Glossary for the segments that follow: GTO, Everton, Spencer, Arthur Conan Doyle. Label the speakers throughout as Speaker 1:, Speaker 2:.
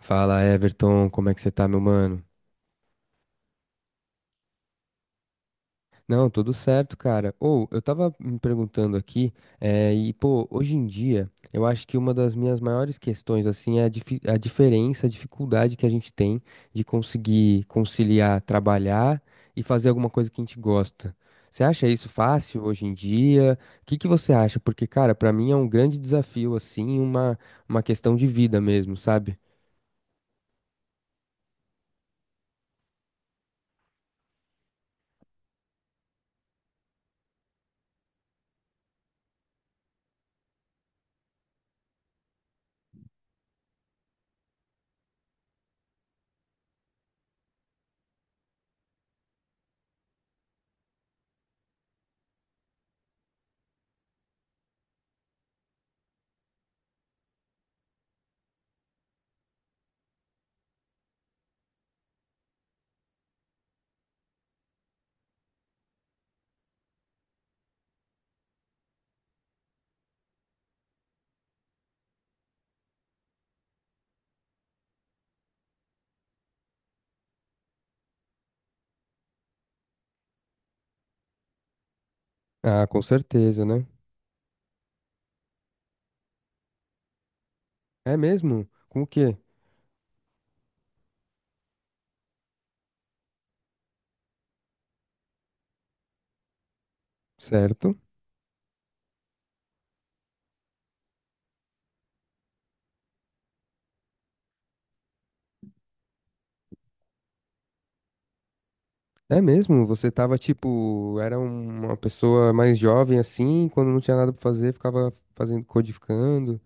Speaker 1: Fala, Everton, como é que você tá, meu mano? Não, tudo certo, cara. Ou, eu tava me perguntando aqui, e pô, hoje em dia, eu acho que uma das minhas maiores questões, assim, é a diferença, a dificuldade que a gente tem de conseguir conciliar trabalhar e fazer alguma coisa que a gente gosta. Você acha isso fácil hoje em dia? O que que você acha? Porque, cara, pra mim é um grande desafio, assim, uma questão de vida mesmo, sabe? Ah, com certeza, né? É mesmo? Com o quê? Certo. É mesmo? Você tava tipo, era uma pessoa mais jovem assim, quando não tinha nada pra fazer, ficava fazendo codificando.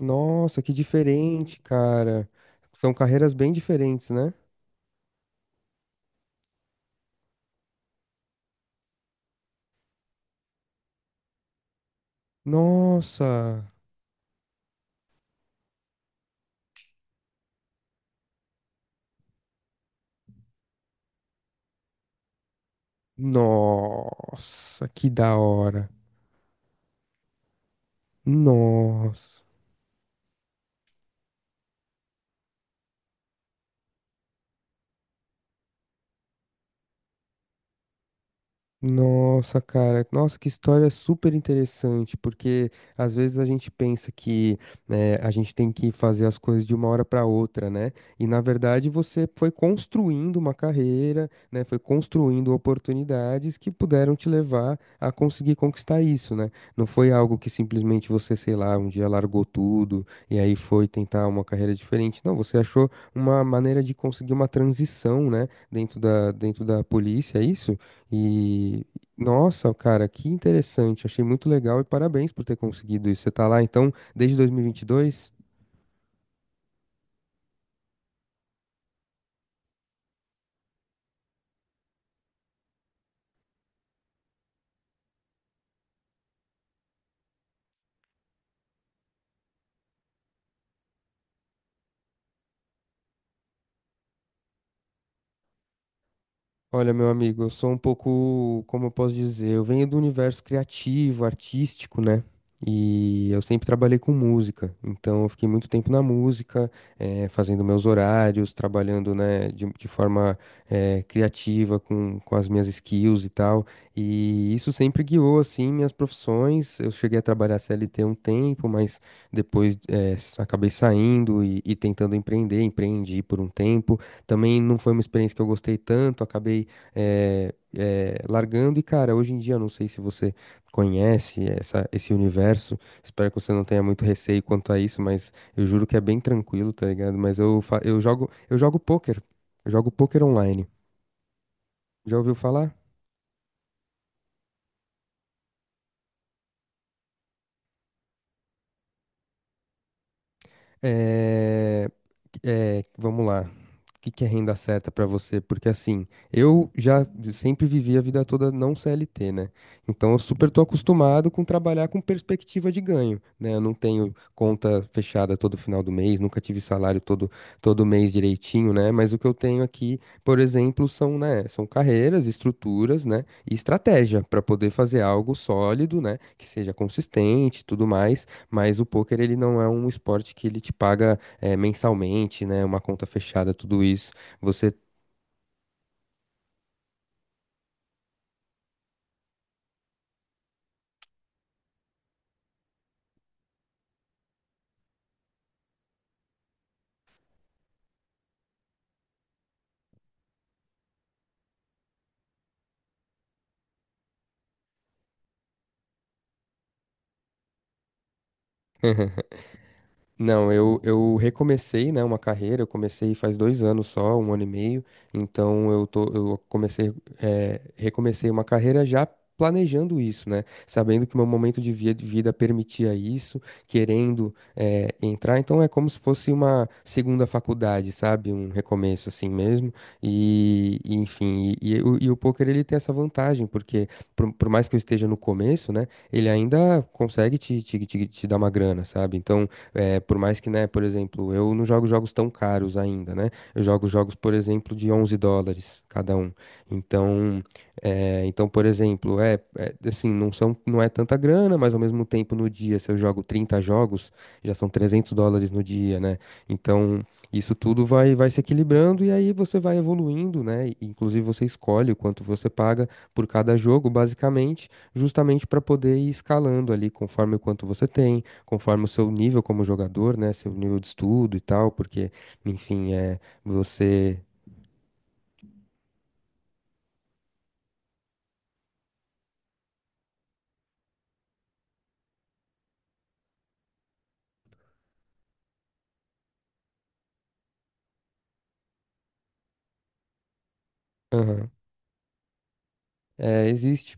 Speaker 1: Nossa, que diferente, cara. São carreiras bem diferentes, né? Nossa. Nossa, que da hora. Nossa. Nossa, cara, nossa, que história super interessante, porque às vezes a gente pensa que né, a gente tem que fazer as coisas de uma hora para outra, né? E na verdade você foi construindo uma carreira, né? Foi construindo oportunidades que puderam te levar a conseguir conquistar isso, né? Não foi algo que simplesmente você, sei lá, um dia largou tudo e aí foi tentar uma carreira diferente. Não, você achou uma maneira de conseguir uma transição, né? Dentro da polícia, é isso? E nossa, cara, que interessante. Achei muito legal e parabéns por ter conseguido isso. Você tá lá então desde 2022? Olha, meu amigo, eu sou um pouco, como eu posso dizer, eu venho do universo criativo, artístico, né? E eu sempre trabalhei com música, então eu fiquei muito tempo na música, fazendo meus horários, trabalhando, né, de forma, criativa com as minhas skills e tal. E isso sempre guiou, assim, minhas profissões. Eu cheguei a trabalhar CLT um tempo, mas depois, acabei saindo e tentando empreender, empreendi por um tempo. Também não foi uma experiência que eu gostei tanto, acabei largando. E, cara, hoje em dia, eu não sei se você conhece essa, esse universo, espero que você não tenha muito receio quanto a isso, mas eu juro que é bem tranquilo, tá ligado? Mas eu, fa- eu jogo pôquer online. Já ouviu falar? É, é, vamos lá. O que que é renda certa para você? Porque assim, eu já sempre vivi a vida toda não CLT, né? Então eu super tô acostumado com trabalhar com perspectiva de ganho, né? Eu não tenho conta fechada todo final do mês, nunca tive salário todo, todo mês direitinho, né? Mas o que eu tenho aqui, por exemplo, né, são carreiras, estruturas, né, e estratégia para poder fazer algo sólido, né, que seja consistente e tudo mais, mas o poker ele não é um esporte que ele te paga mensalmente, né? Uma conta fechada, tudo isso. Você. Não, eu recomecei, né, uma carreira, eu comecei faz 2 anos só, um ano e meio, então eu tô, eu comecei, recomecei uma carreira já planejando isso, né, sabendo que o meu momento de vida permitia isso, querendo, entrar, então é como se fosse uma segunda faculdade, sabe, um recomeço assim mesmo, e enfim, e o poker ele tem essa vantagem, porque por mais que eu esteja no começo, né, ele ainda consegue te dar uma grana, sabe, então por mais que, né, por exemplo, eu não jogo jogos tão caros ainda, né? Eu jogo jogos, por exemplo, de 11 dólares cada um. Então, então por exemplo, assim, não são, não é tanta grana, mas ao mesmo tempo no dia, se eu jogo 30 jogos, já são 300 dólares no dia, né? Então, isso tudo vai se equilibrando e aí você vai evoluindo, né? E, inclusive, você escolhe o quanto você paga por cada jogo, basicamente, justamente para poder ir escalando ali conforme o quanto você tem, conforme o seu nível como jogador, né? Seu nível de estudo e tal, porque, enfim, é você. Aham. É, existe.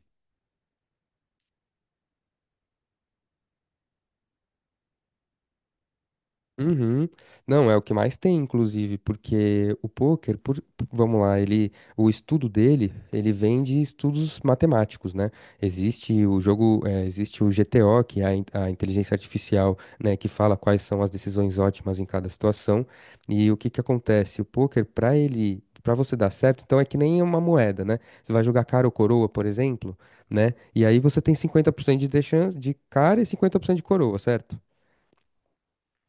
Speaker 1: Uhum. Não, é o que mais tem, inclusive, porque o pôquer, por- vamos lá, ele, o estudo dele, ele vem de estudos matemáticos, né? Existe o jogo, existe o GTO, que é a inteligência artificial, né, que fala quais são as decisões ótimas em cada situação. E o que que acontece? O pôquer, para ele, para você dar certo, então é que nem uma moeda, né? Você vai jogar cara ou coroa, por exemplo, né? E aí você tem 50% de chance de cara e 50% de coroa, certo?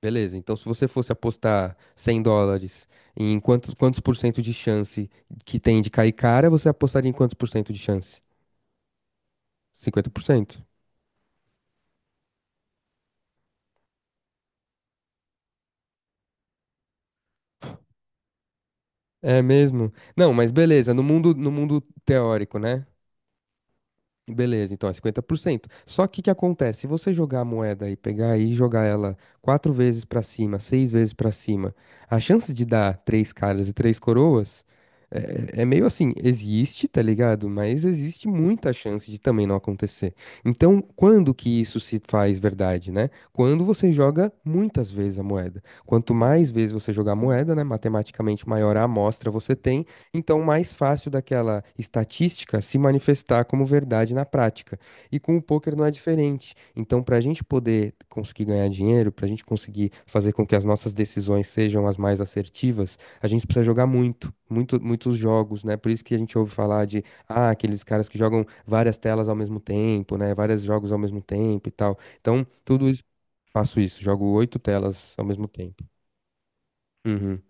Speaker 1: Beleza, então se você fosse apostar US$ 100 em quantos por cento de chance que tem de cair cara, você apostaria em quantos por cento de chance? 50%. É mesmo? Não, mas beleza, no mundo, no mundo teórico, né? Beleza, então é 50%. Só que o que acontece? Se você jogar a moeda e pegar e jogar ela quatro vezes pra cima, seis vezes pra cima, a chance de dar três caras e três coroas é, é meio assim, existe, tá ligado? Mas existe muita chance de também não acontecer. Então, quando que isso se faz verdade, né? Quando você joga muitas vezes a moeda. Quanto mais vezes você jogar a moeda, né, matematicamente maior a amostra você tem então, mais fácil daquela estatística é se manifestar como verdade na prática. E com o poker não é diferente. Então, para a gente poder conseguir ganhar dinheiro, para a gente conseguir fazer com que as nossas decisões sejam as mais assertivas, a gente precisa jogar muito, muito, muitos jogos, né? Por isso que a gente ouve falar de ah, aqueles caras que jogam várias telas ao mesmo tempo, né? Vários jogos ao mesmo tempo e tal. Então, tudo isso, faço isso, jogo oito telas ao mesmo tempo. Uhum.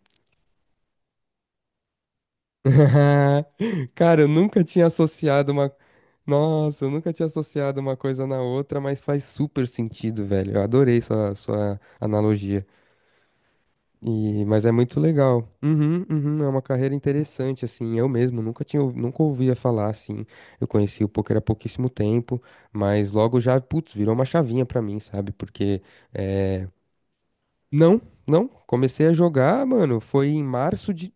Speaker 1: Cara, eu nunca tinha associado uma. Nossa, eu nunca tinha associado uma coisa na outra, mas faz super sentido, velho. Eu adorei sua analogia. E... Mas é muito legal. Uhum, uhum, é uma carreira interessante, assim. Eu mesmo nunca tinha, nunca ouvia falar, assim. Eu conheci o poker há pouquíssimo tempo, mas logo já, putz, virou uma chavinha pra mim, sabe? Porque. Não, não. Comecei a jogar, mano. Foi em março de.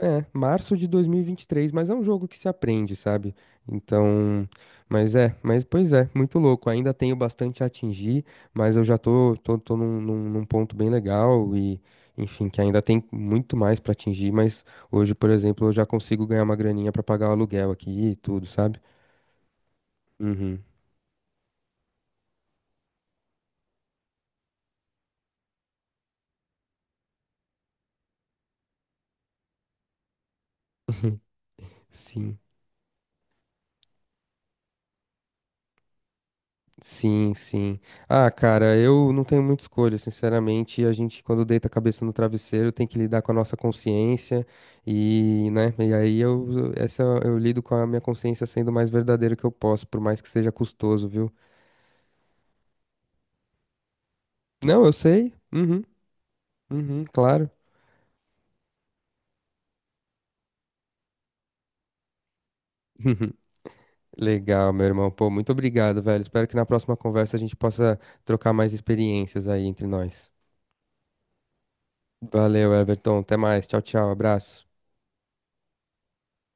Speaker 1: É, março de 2023, mas é um jogo que se aprende, sabe? Então, mas é, mas pois é, muito louco. Ainda tenho bastante a atingir, mas eu já tô num ponto bem legal e, enfim, que ainda tem muito mais pra atingir, mas hoje, por exemplo, eu já consigo ganhar uma graninha pra pagar o aluguel aqui e tudo, sabe? Uhum. Sim. Sim, sim. Ah, cara, eu não tenho muita escolha, sinceramente. A gente, quando deita a cabeça no travesseiro, tem que lidar com a nossa consciência e, né? E aí eu, essa eu lido com a minha consciência sendo o mais verdadeiro que eu posso, por mais que seja custoso, viu? Não, eu sei. Uhum, uhum, claro. Legal, meu irmão. Pô, muito obrigado, velho. Espero que na próxima conversa a gente possa trocar mais experiências aí entre nós. Valeu, Everton. Até mais. Tchau, tchau. Abraço.